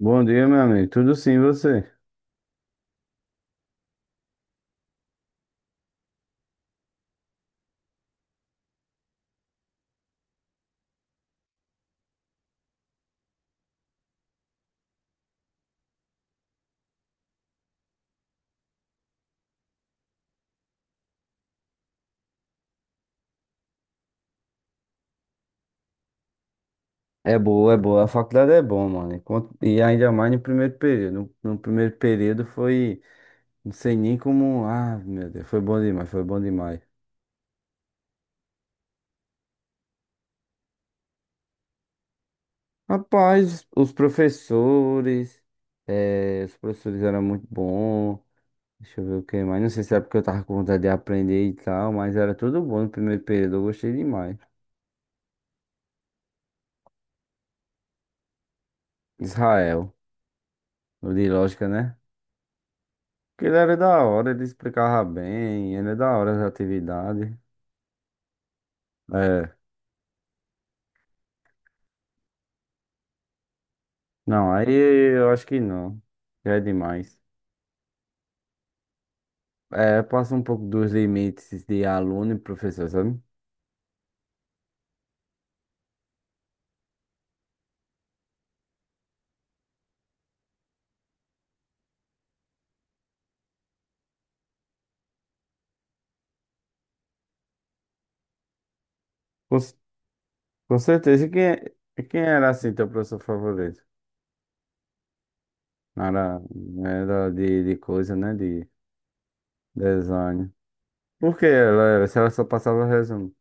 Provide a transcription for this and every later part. Bom dia, meu amigo. Tudo sim, e você? É boa. A faculdade é bom, mano. E ainda mais no primeiro período. No primeiro período foi, não sei nem como. Ah, meu Deus, foi bom demais. Rapaz, os professores, os professores eram muito bons. Deixa eu ver o que mais. Não sei se é porque eu tava com vontade de aprender e tal, mas era tudo bom no primeiro período. Eu gostei demais. Israel, o de lógica, né? Porque ele era da hora, ele explicava bem, ele é da hora as atividades. É. Não, aí eu acho que não. Já é demais. É, passa um pouco dos limites de aluno e professor, sabe? Com, c- com certeza. E quem era assim teu professor favorito? Não era, não era de coisa, né? De design. Por que ela era? Se ela só passava resumo.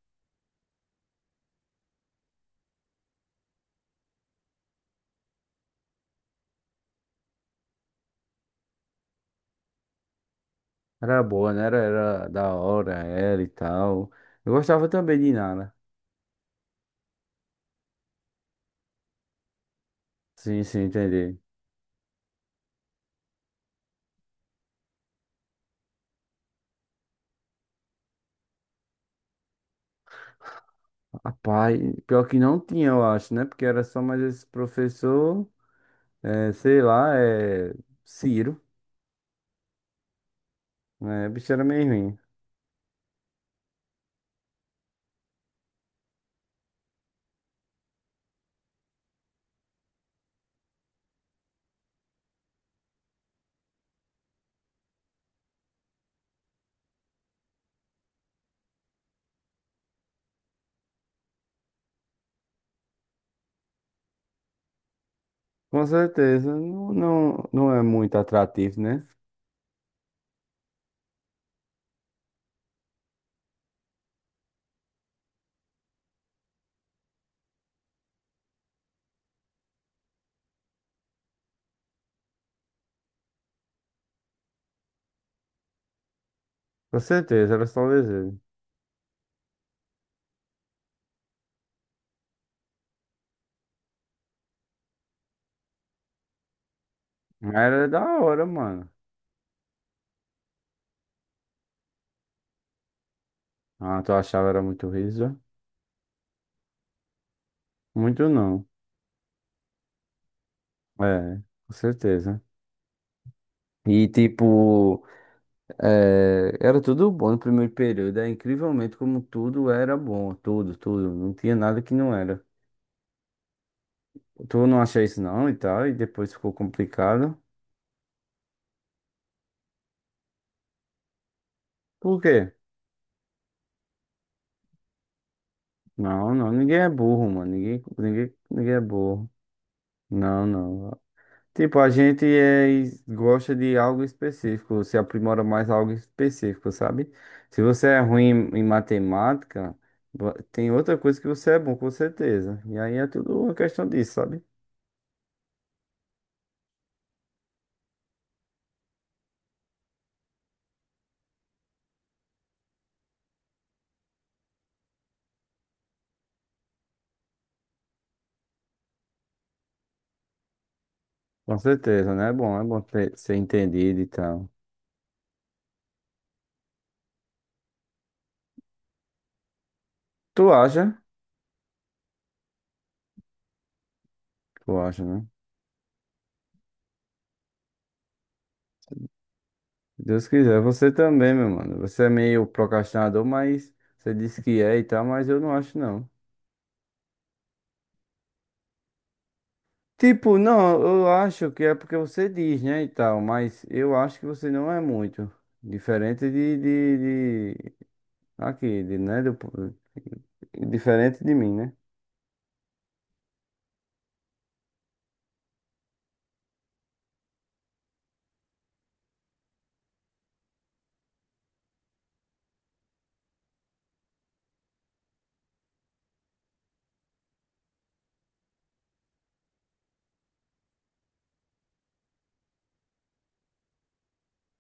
Era boa, né? Era da hora, era e tal. Eu gostava também de Nara. Sim, sim, entendi. Rapaz, pior que não tinha, eu acho, né? Porque era só mais esse professor. É, sei lá, é Ciro, né? Bicho era meio ruim. Com certeza, não é muito atrativo, né? Com certeza, era só desejo. Mas era da hora, mano. Ah, tu achava era muito riso? Muito não. É, com certeza. E tipo, é, era tudo bom no primeiro período. É incrivelmente como tudo era bom. Tudo, tudo. Não tinha nada que não era. Tu não achou isso não e tal, e depois ficou complicado. Por quê? Não, não, ninguém é burro, mano. Ninguém, ninguém, ninguém é burro. Não, não. Tipo, gosta de algo específico, se aprimora mais algo específico, sabe? Se você é ruim em matemática, tem outra coisa que você é bom, com certeza. E aí é tudo uma questão disso, sabe? Com certeza, né? É bom ser entendido e tal. Tu acha? Tu acha, né? Se Deus quiser, você também, meu mano. Você é meio procrastinador, mas você disse que é e tal, mas eu não acho, não. Tipo, não, eu acho que é porque você diz, né, e tal, mas eu acho que você não é muito diferente de aqui, de, né, do, diferente de mim, né?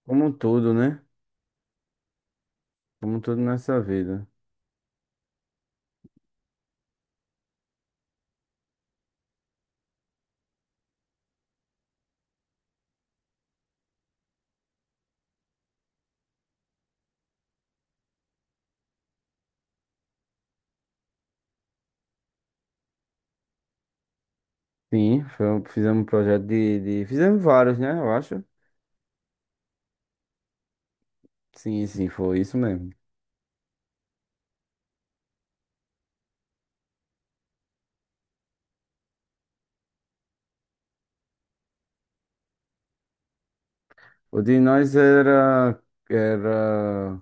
Como um todo, né? Como um todo nessa vida. Sim, foi fizemos um projeto fizemos vários, né, eu acho. Sim, sim, foi isso mesmo. O de nós era, era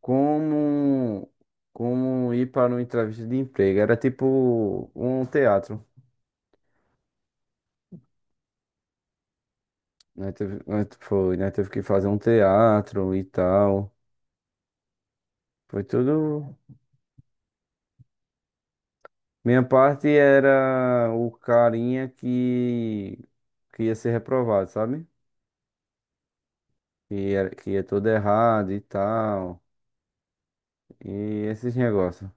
como, como ir para uma entrevista de emprego, era tipo um teatro. Nós teve que fazer um teatro e tal. Foi tudo. Minha parte era o carinha que ia ser reprovado, sabe? Que era, que ia todo errado e tal. E esses negócios.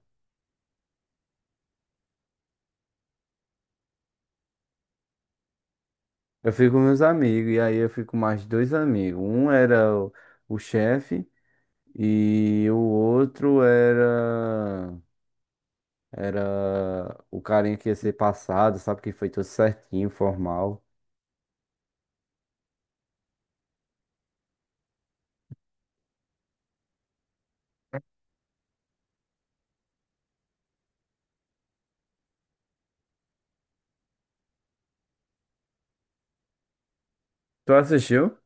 Eu fui com meus amigos, e aí eu fui com mais dois amigos. Um era o chefe e o outro era. Era o carinha que ia ser passado, sabe? Que foi tudo certinho, formal. Tu assistiu?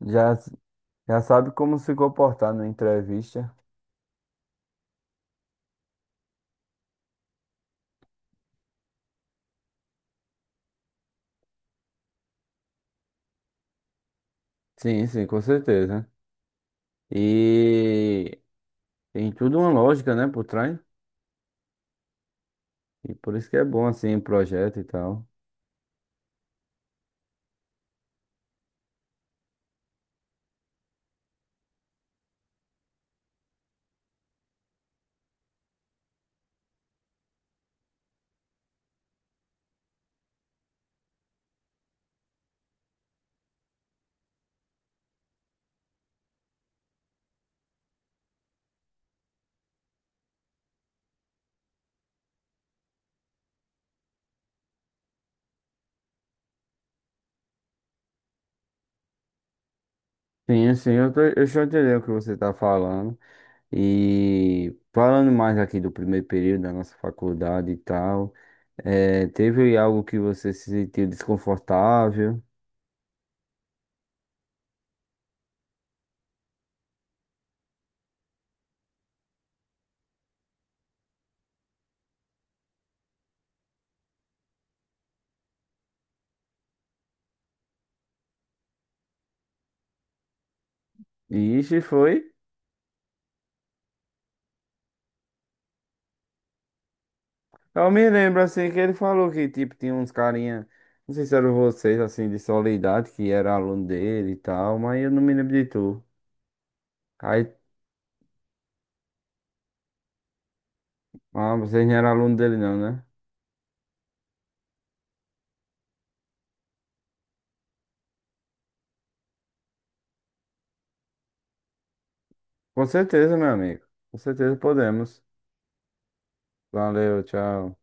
Já, já sabe como se comportar na entrevista. Sim, sim, com certeza. E tem tudo uma lógica, né, por trás. E por isso que é bom, assim, projeto e tal. Sim, sim, eu já entendi o que você está falando. E falando mais aqui do primeiro período da nossa faculdade e tal, teve algo que você se sentiu desconfortável? E isso foi? Eu me lembro assim que ele falou que tipo tinha uns carinha, não sei se eram vocês assim de Soledade, que era aluno dele e tal, mas eu não me lembro de tu. Aí, ah, vocês não eram aluno dele não, né? Com certeza, meu amigo. Com certeza podemos. Valeu, tchau.